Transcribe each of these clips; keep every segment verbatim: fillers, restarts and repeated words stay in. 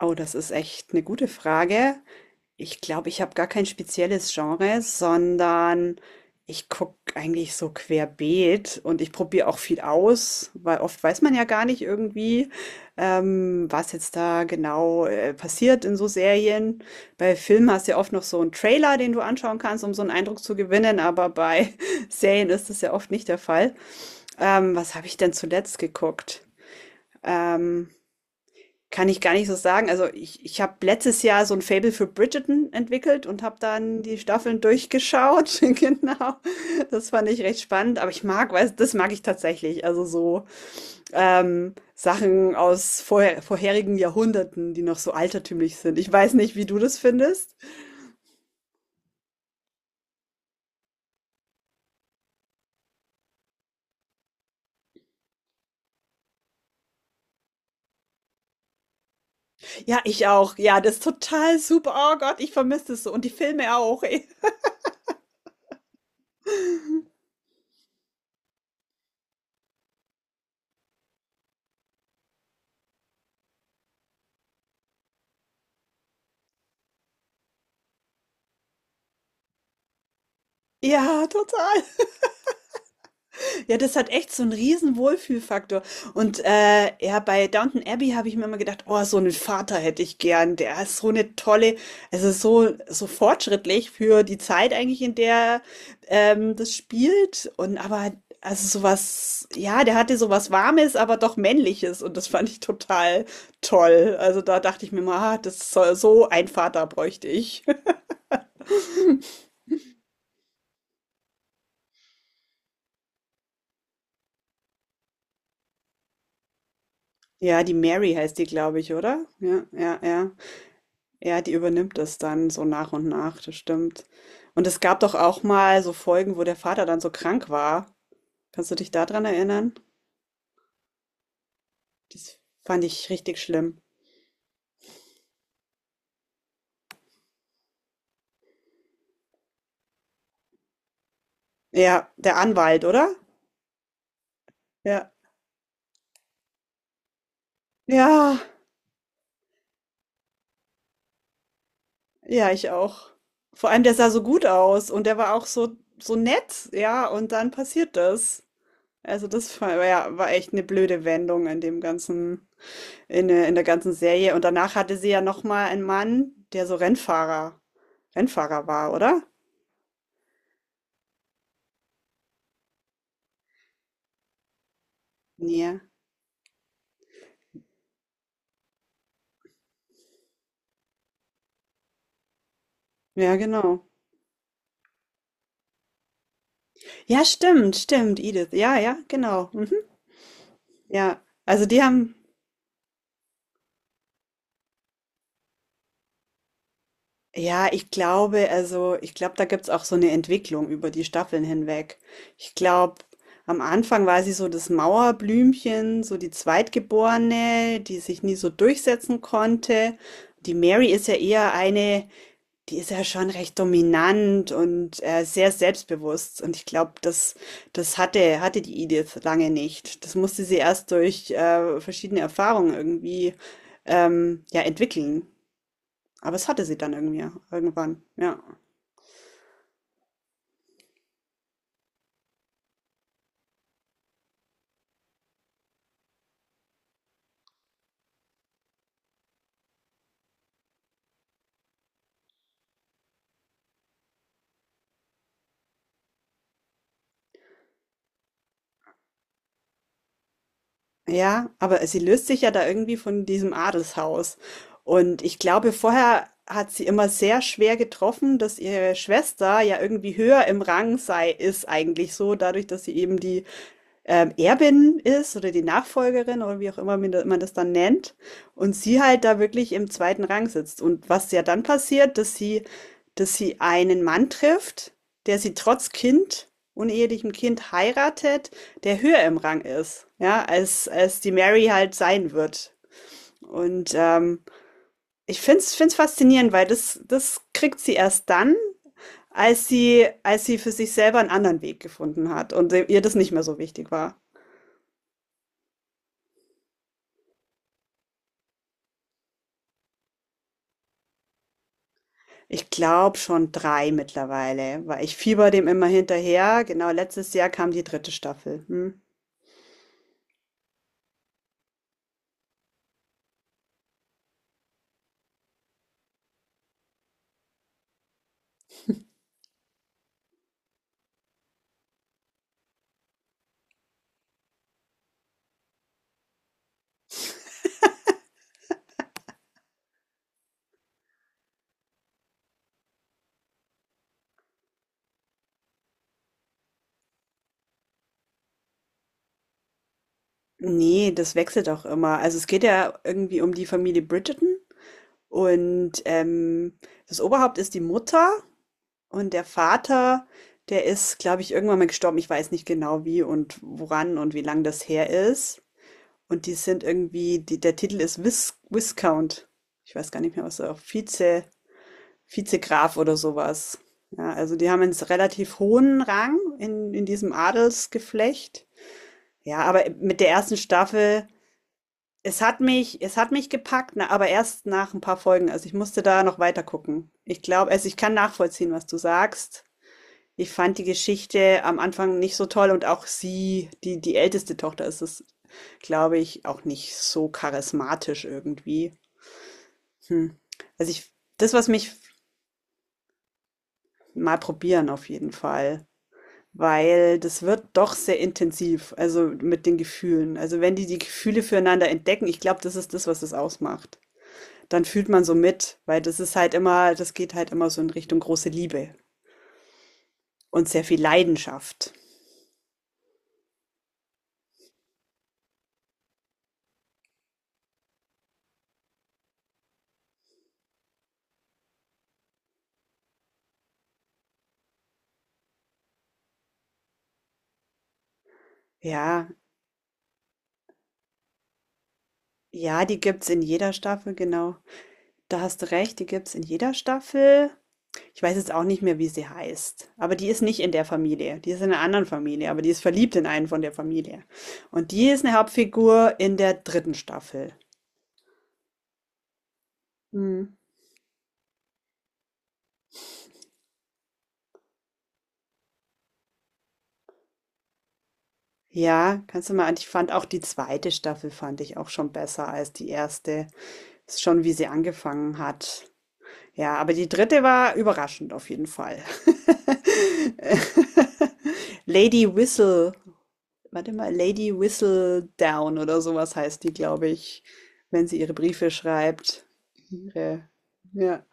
Oh, das ist echt eine gute Frage. Ich glaube, ich habe gar kein spezielles Genre, sondern ich gucke eigentlich so querbeet und ich probiere auch viel aus, weil oft weiß man ja gar nicht irgendwie, ähm, was jetzt da genau, äh, passiert in so Serien. Bei Filmen hast du ja oft noch so einen Trailer, den du anschauen kannst, um so einen Eindruck zu gewinnen, aber bei Serien ist das ja oft nicht der Fall. Ähm, was habe ich denn zuletzt geguckt? Ähm Kann ich gar nicht so sagen. Also ich, ich habe letztes Jahr so ein Faible für Bridgerton entwickelt und habe dann die Staffeln durchgeschaut. Genau. Das fand ich recht spannend. Aber ich mag, weiß, das mag ich tatsächlich. Also so ähm, Sachen aus vorher, vorherigen Jahrhunderten, die noch so altertümlich sind. Ich weiß nicht, wie du das findest. Ja, ich auch. Ja, das ist total super. Oh Gott, ich vermisse das so. Und die Filme auch. Ey. Ja, total. Ja, das hat echt so einen riesen Wohlfühlfaktor. Und, äh, ja, bei Downton Abbey habe ich mir immer gedacht: „Oh, so einen Vater hätte ich gern. Der ist so eine tolle also, so so fortschrittlich für die Zeit eigentlich, in der, ähm, das spielt und aber also, so was ja, der hatte so was Warmes, aber doch Männliches und das fand ich total toll. Also, da dachte ich mir mal, „Ah, das soll so ein Vater bräuchte ich.“ Ja, die Mary heißt die, glaube ich, oder? Ja, ja, ja. Ja, die übernimmt es dann so nach und nach, das stimmt. Und es gab doch auch mal so Folgen, wo der Vater dann so krank war. Kannst du dich daran erinnern? Das fand ich richtig schlimm. Ja, der Anwalt, oder? Ja. Ja, ja, ich auch. Vor allem, der sah so gut aus und der war auch so, so nett, ja, und dann passiert das. Also das war, ja, war echt eine blöde Wendung in dem ganzen, in der, in der ganzen Serie. Und danach hatte sie ja noch mal einen Mann, der so Rennfahrer, Rennfahrer war, oder? Ja, ja, genau. Ja, stimmt, stimmt, Edith. Ja, ja, genau. Mhm. Ja, also die haben, ja, ich glaube, also ich glaube, da gibt's auch so eine Entwicklung über die Staffeln hinweg. Ich glaube, am Anfang war sie so das Mauerblümchen, so die Zweitgeborene, die sich nie so durchsetzen konnte. Die Mary ist ja eher eine, die ist ja schon recht dominant und, äh, sehr selbstbewusst. Und ich glaube, das das hatte hatte die Edith lange nicht. Das musste sie erst durch, äh, verschiedene Erfahrungen irgendwie, ähm, ja, entwickeln. Aber es hatte sie dann irgendwie irgendwann, ja. Ja, aber sie löst sich ja da irgendwie von diesem Adelshaus. Und ich glaube, vorher hat sie immer sehr schwer getroffen, dass ihre Schwester ja irgendwie höher im Rang sei ist eigentlich so, dadurch, dass sie eben die ähm, Erbin ist oder die Nachfolgerin oder wie auch immer man da- man das dann nennt und sie halt da wirklich im zweiten Rang sitzt. Und was ja dann passiert, dass sie, dass sie einen Mann trifft, der sie trotz Kind, unehelichem Kind heiratet, der höher im Rang ist, ja, als, als die Mary halt sein wird. Und ähm, ich find's, find's faszinierend, weil das, das kriegt sie erst dann, als sie, als sie für sich selber einen anderen Weg gefunden hat und ihr das nicht mehr so wichtig war. Ich glaube schon drei mittlerweile, weil ich fieber dem immer hinterher. Genau, letztes Jahr kam die dritte Staffel. Hm. Nee, das wechselt auch immer. Also es geht ja irgendwie um die Familie Bridgerton und ähm, das Oberhaupt ist die Mutter und der Vater, der ist, glaube ich, irgendwann mal gestorben. Ich weiß nicht genau wie und woran und wie lang das her ist. Und die sind irgendwie, die, der Titel ist Vis Viscount. Ich weiß gar nicht mehr, was er auch Vize. Vizegraf oder sowas, ja, also die haben einen relativ hohen Rang in in diesem Adelsgeflecht. Ja, aber mit der ersten Staffel es hat mich es hat mich gepackt, ne, aber erst nach ein paar Folgen. Also, ich musste da noch weiter gucken. Ich glaube also, ich kann nachvollziehen, was du sagst. Ich fand die Geschichte am Anfang nicht so toll und auch sie, die die älteste Tochter ist es, glaube ich, auch nicht so charismatisch irgendwie. Hm. Also, ich das, was mich mal probieren auf jeden Fall. Weil das wird doch sehr intensiv, also mit den Gefühlen. Also wenn die die Gefühle füreinander entdecken, ich glaube, das ist das, was es ausmacht. Dann fühlt man so mit, weil das ist halt immer, das geht halt immer so in Richtung große Liebe und sehr viel Leidenschaft. Ja, ja, die gibt's in jeder Staffel, genau. Da hast du recht, die gibt's in jeder Staffel. Ich weiß jetzt auch nicht mehr, wie sie heißt, aber die ist nicht in der Familie, die ist in einer anderen Familie, aber die ist verliebt in einen von der Familie. Und die ist eine Hauptfigur in der dritten Staffel. Hm. Ja, kannst du mal an ich fand auch die zweite Staffel fand ich auch schon besser als die erste. Ist schon, wie sie angefangen hat. Ja, aber die dritte war überraschend auf jeden Fall. Lady Whistle, warte mal, Lady Whistledown oder sowas heißt die, glaube ich, wenn sie ihre Briefe schreibt. Ihre, ja.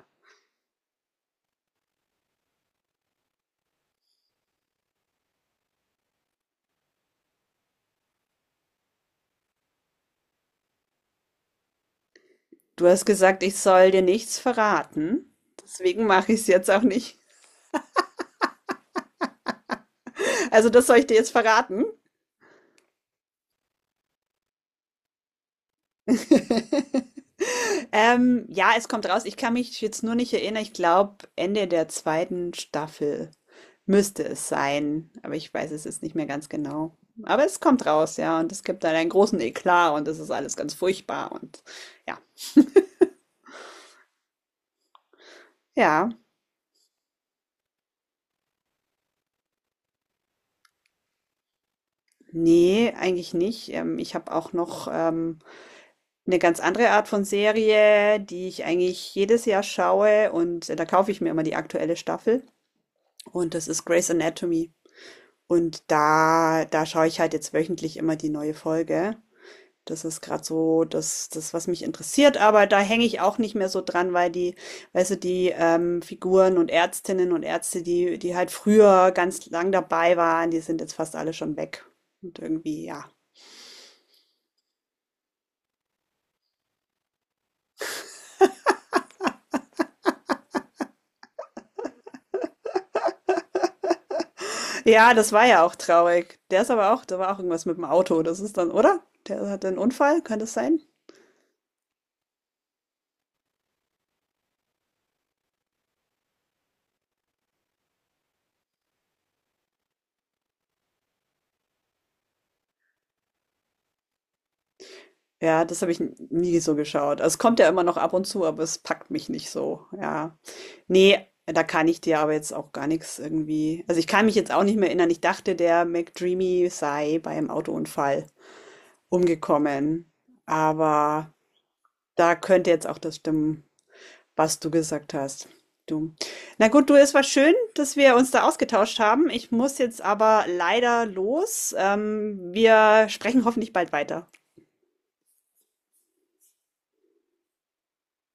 Du hast gesagt, ich soll dir nichts verraten. Deswegen mache ich es jetzt auch nicht. Also, das soll ich dir jetzt verraten. Ähm, ja, es kommt raus. Ich kann mich jetzt nur nicht erinnern. Ich glaube, Ende der zweiten Staffel müsste es sein. Aber ich weiß es jetzt nicht mehr ganz genau. Aber es kommt raus, ja. Und es gibt dann einen großen Eklat und es ist alles ganz furchtbar. Und ja, ja. Nee, eigentlich nicht. Ähm, ich habe auch noch ähm, eine ganz andere Art von Serie, die ich eigentlich jedes Jahr schaue. Und äh, da kaufe ich mir immer die aktuelle Staffel. Und das ist Grey's Anatomy. Und da da schaue ich halt jetzt wöchentlich immer die neue Folge. Das ist gerade so das das, was mich interessiert, aber da hänge ich auch nicht mehr so dran, weil die weißt du, die, ähm, Figuren und Ärztinnen und Ärzte, die die halt früher ganz lang dabei waren, die sind jetzt fast alle schon weg. Und irgendwie, ja. Ja, das war ja auch traurig. Der ist aber auch da war auch irgendwas mit dem Auto. Das ist dann oder? Der hatte einen Unfall, kann das sein? Ja, das habe ich n nie so geschaut. Also, es kommt ja immer noch ab und zu, aber es packt mich nicht so, ja. Nee, da kann ich dir aber jetzt auch gar nichts irgendwie also, ich kann mich jetzt auch nicht mehr erinnern. Ich dachte, der McDreamy sei bei einem Autounfall umgekommen, aber da könnte jetzt auch das stimmen, was du gesagt hast, du. Na gut, du, es war schön, dass wir uns da ausgetauscht haben. Ich muss jetzt aber leider los. Ähm, wir sprechen hoffentlich bald weiter.